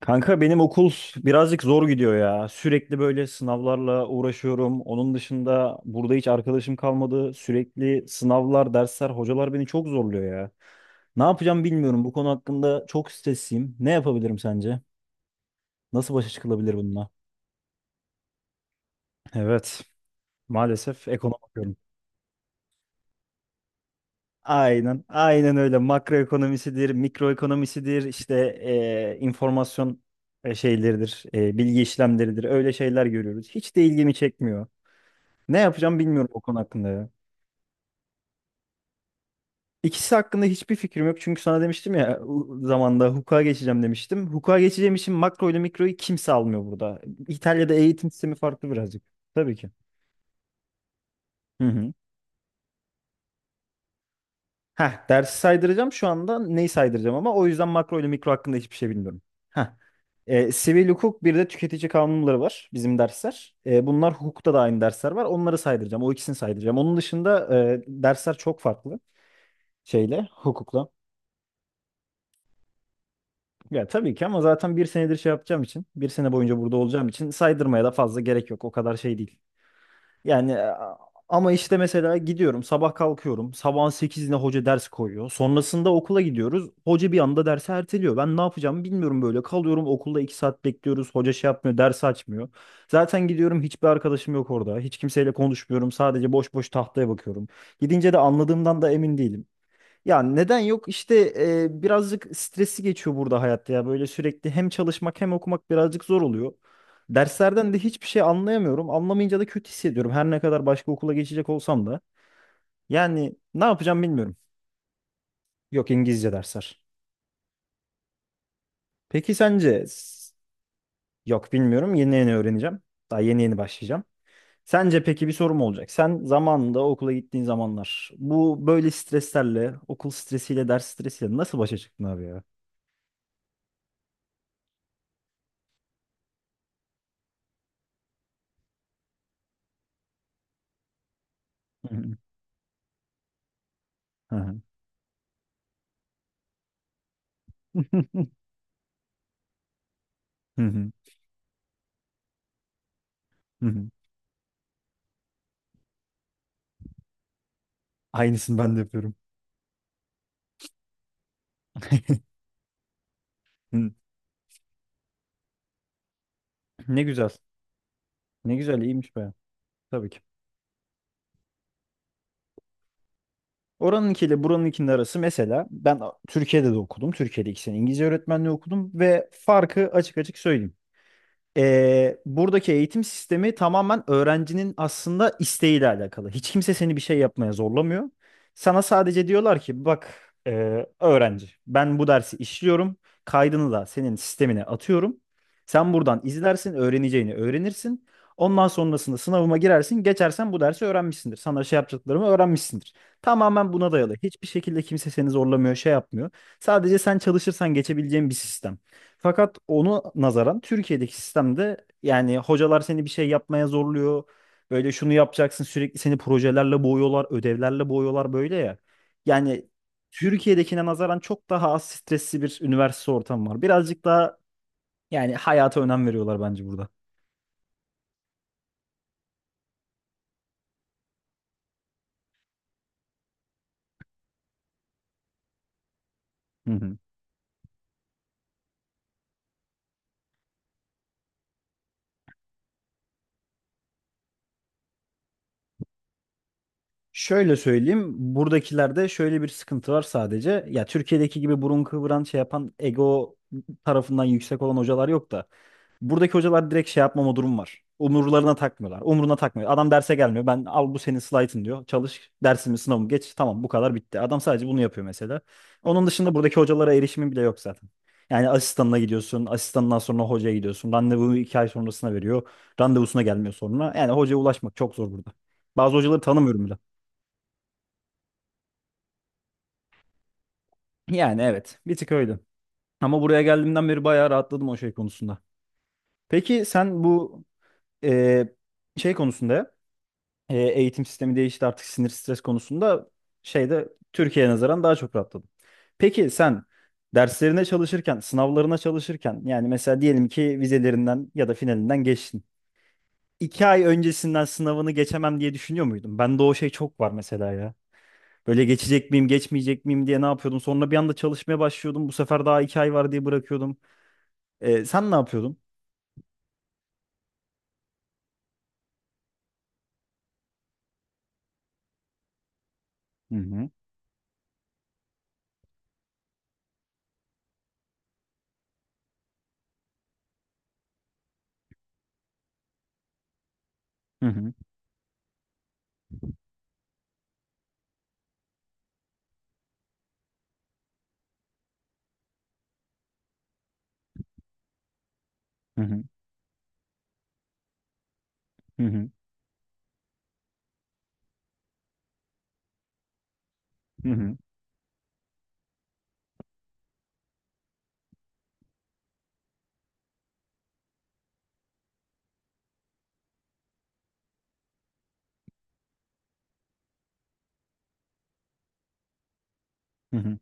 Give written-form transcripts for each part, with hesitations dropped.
Kanka benim okul birazcık zor gidiyor ya. Sürekli böyle sınavlarla uğraşıyorum. Onun dışında burada hiç arkadaşım kalmadı. Sürekli sınavlar, dersler, hocalar beni çok zorluyor ya. Ne yapacağım bilmiyorum. Bu konu hakkında çok stresliyim. Ne yapabilirim sence? Nasıl başa çıkılabilir bununla? Evet, maalesef ekonomi okuyorum. Aynen, aynen öyle. Makroekonomisidir, mikroekonomisidir, işte informasyon şeyleridir, bilgi işlemleridir. Öyle şeyler görüyoruz. Hiç de ilgimi çekmiyor. Ne yapacağım bilmiyorum o konu hakkında ya. İkisi hakkında hiçbir fikrim yok. Çünkü sana demiştim ya zamanda hukuka geçeceğim demiştim. Hukuka geçeceğim için makro ile mikroyu kimse almıyor burada. İtalya'da eğitim sistemi farklı birazcık. Tabii ki. Hı hı. Heh, dersi saydıracağım şu anda neyi saydıracağım ama o yüzden makro ile mikro hakkında hiçbir şey bilmiyorum. Heh. Sivil hukuk bir de tüketici kanunları var bizim dersler. Bunlar hukukta da aynı dersler var. Onları saydıracağım. O ikisini saydıracağım. Onun dışında dersler çok farklı şeyle hukukla. Ya tabii ki ama zaten bir senedir şey yapacağım için, bir sene boyunca burada olacağım için saydırmaya da fazla gerek yok. O kadar şey değil. Yani ama işte mesela gidiyorum, sabah kalkıyorum. Sabahın sekizinde hoca ders koyuyor. Sonrasında okula gidiyoruz. Hoca bir anda dersi erteliyor. Ben ne yapacağımı bilmiyorum böyle. Kalıyorum okulda 2 saat bekliyoruz. Hoca şey yapmıyor, ders açmıyor. Zaten gidiyorum hiçbir arkadaşım yok orada. Hiç kimseyle konuşmuyorum. Sadece boş boş tahtaya bakıyorum. Gidince de anladığımdan da emin değilim. Ya neden yok? İşte birazcık stresi geçiyor burada hayatta ya. Böyle sürekli hem çalışmak hem okumak birazcık zor oluyor. Derslerden de hiçbir şey anlayamıyorum. Anlamayınca da kötü hissediyorum. Her ne kadar başka okula geçecek olsam da. Yani ne yapacağım bilmiyorum. Yok, İngilizce dersler. Peki sence? Yok, bilmiyorum. Yeni yeni öğreneceğim. Daha yeni yeni başlayacağım. Sence peki bir sorum olacak. Sen zamanında okula gittiğin zamanlar bu böyle streslerle, okul stresiyle, ders stresiyle nasıl başa çıktın abi ya? Hı hı. Hı hı. Hı hı. Hı hı. Aynısını ben de yapıyorum. Hı. Ne güzel. Ne güzel, iyiymiş baya. Tabii ki. Oranınkiyle buranınkinin arası mesela ben Türkiye'de de okudum. Türkiye'de iki sene İngilizce öğretmenliği okudum ve farkı açık açık söyleyeyim. Buradaki eğitim sistemi tamamen öğrencinin aslında isteğiyle alakalı. Hiç kimse seni bir şey yapmaya zorlamıyor. Sana sadece diyorlar ki bak öğrenci, ben bu dersi işliyorum. Kaydını da senin sistemine atıyorum. Sen buradan izlersin, öğreneceğini öğrenirsin. Ondan sonrasında sınavıma girersin. Geçersen bu dersi öğrenmişsindir. Sana şey yapacaklarımı öğrenmişsindir. Tamamen buna dayalı. Hiçbir şekilde kimse seni zorlamıyor, şey yapmıyor. Sadece sen çalışırsan geçebileceğin bir sistem. Fakat onu nazaran Türkiye'deki sistemde yani hocalar seni bir şey yapmaya zorluyor. Böyle şunu yapacaksın, sürekli seni projelerle boğuyorlar, ödevlerle boğuyorlar böyle ya. Yani Türkiye'dekine nazaran çok daha az stresli bir üniversite ortamı var. Birazcık daha yani hayata önem veriyorlar bence burada. Hı hı. Şöyle söyleyeyim, buradakilerde şöyle bir sıkıntı var sadece. Ya Türkiye'deki gibi burun kıvıran şey yapan ego tarafından yüksek olan hocalar yok da. Buradaki hocalar direkt şey yapmama durum var. Umurlarına takmıyorlar. Umuruna takmıyor. Adam derse gelmiyor. Ben al bu senin slaytın diyor. Çalış dersimi, sınavımı geç. Tamam, bu kadar bitti. Adam sadece bunu yapıyor mesela. Onun dışında buradaki hocalara erişimin bile yok zaten. Yani asistanına gidiyorsun. Asistanından sonra hocaya gidiyorsun. Randevu iki ay sonrasına veriyor. Randevusuna gelmiyor sonra. Yani hocaya ulaşmak çok zor burada. Bazı hocaları tanımıyorum bile. Yani evet, bir tık öyle. Ama buraya geldiğimden beri bayağı rahatladım o şey konusunda. Peki sen bu eee, şey konusunda eğitim sistemi değişti artık, sinir stres konusunda şeyde Türkiye'ye nazaran daha çok rahatladım. Peki sen derslerine çalışırken, sınavlarına çalışırken yani mesela diyelim ki vizelerinden ya da finalinden geçtin. İki ay öncesinden sınavını geçemem diye düşünüyor muydun? Bende o şey çok var mesela ya. Böyle geçecek miyim, geçmeyecek miyim diye ne yapıyordum? Sonra bir anda çalışmaya başlıyordum. Bu sefer daha iki ay var diye bırakıyordum. Sen ne yapıyordun? Hı hı. Hı hı. Hı hı. Hı hı. Hı hı. Hı hı.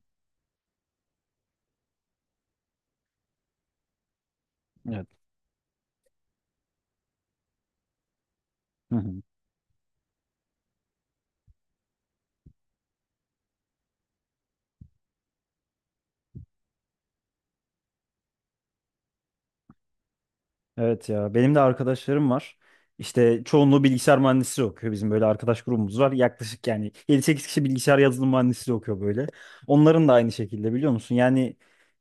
Evet. Hı hı. Evet ya, benim de arkadaşlarım var. İşte çoğunluğu bilgisayar mühendisliği okuyor. Bizim böyle arkadaş grubumuz var. Yaklaşık yani yedi sekiz kişi bilgisayar yazılım mühendisliği okuyor böyle. Onların da aynı şekilde, biliyor musun? Yani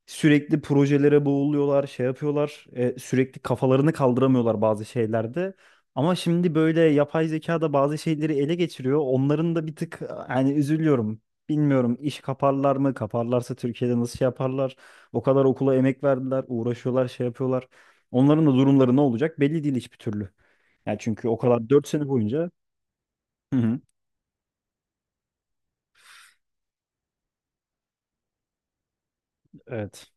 sürekli projelere boğuluyorlar, şey yapıyorlar. Sürekli kafalarını kaldıramıyorlar bazı şeylerde. Ama şimdi böyle yapay zeka da bazı şeyleri ele geçiriyor. Onların da bir tık yani üzülüyorum. Bilmiyorum, iş kaparlar mı? Kaparlarsa Türkiye'de nasıl şey yaparlar? O kadar okula emek verdiler, uğraşıyorlar, şey yapıyorlar. Onların da durumları ne olacak belli değil hiçbir türlü. Yani çünkü o kadar 4 sene boyunca. Hı hı. Evet.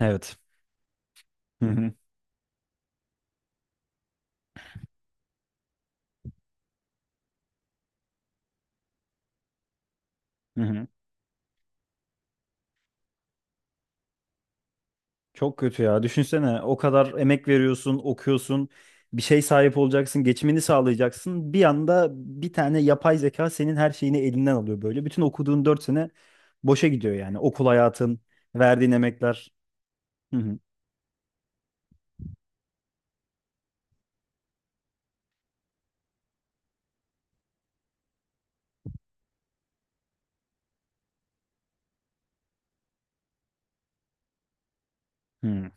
Evet. Hı hı. Hı hı. Çok kötü ya. Düşünsene o kadar emek veriyorsun, okuyorsun, bir şey sahip olacaksın, geçimini sağlayacaksın. Bir anda bir tane yapay zeka senin her şeyini elinden alıyor böyle. Bütün okuduğun 4 sene boşa gidiyor yani. Okul hayatın, verdiğin emekler. Hı hı. Hı hı.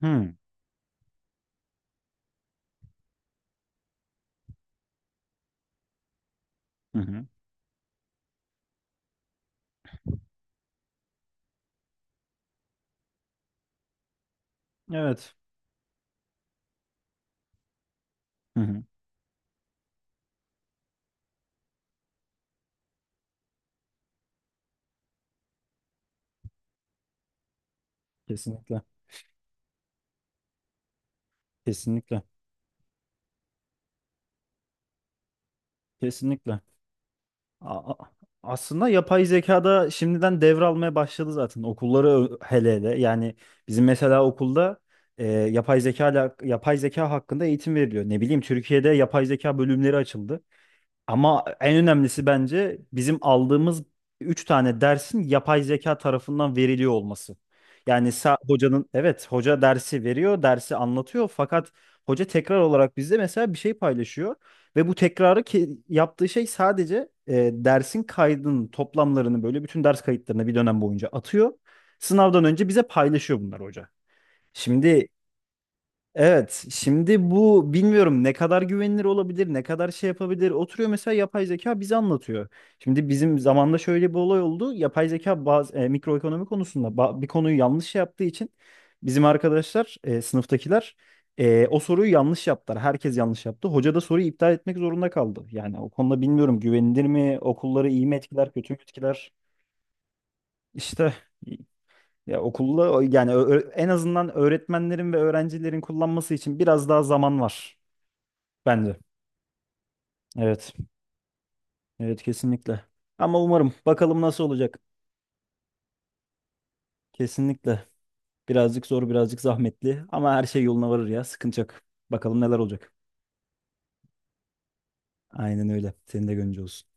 Hı hı. Hı hı. Evet. Hı hı. Kesinlikle. Kesinlikle. Kesinlikle. A- a- Aslında yapay zekada şimdiden devralmaya başladı zaten okulları hele hele. Yani bizim mesela okulda yapay zeka yapay zeka hakkında eğitim veriliyor. Ne bileyim, Türkiye'de yapay zeka bölümleri açıldı. Ama en önemlisi bence bizim aldığımız 3 tane dersin yapay zeka tarafından veriliyor olması. Yani hocanın evet, hoca dersi veriyor, dersi anlatıyor fakat hoca tekrar olarak bizde mesela bir şey paylaşıyor ve bu tekrarı ki yaptığı şey sadece dersin kaydının toplamlarını böyle bütün ders kayıtlarını bir dönem boyunca atıyor. Sınavdan önce bize paylaşıyor bunlar hoca. Şimdi evet, şimdi bu bilmiyorum ne kadar güvenilir olabilir, ne kadar şey yapabilir. Oturuyor mesela yapay zeka bize anlatıyor. Şimdi bizim zamanda şöyle bir olay oldu. Yapay zeka bazı mikroekonomi konusunda bir konuyu yanlış şey yaptığı için bizim arkadaşlar, sınıftakiler o soruyu yanlış yaptılar. Herkes yanlış yaptı. Hoca da soruyu iptal etmek zorunda kaldı. Yani o konuda bilmiyorum, güvenilir mi, okulları iyi mi etkiler, kötü mü etkiler? İşte ya, okulda yani en azından öğretmenlerin ve öğrencilerin kullanması için biraz daha zaman var bence. Evet. Evet, kesinlikle. Ama umarım, bakalım nasıl olacak. Kesinlikle. Birazcık zor, birazcık zahmetli ama her şey yoluna varır ya. Sıkıntı yok. Bakalım neler olacak. Aynen öyle. Senin de gönlünce olsun.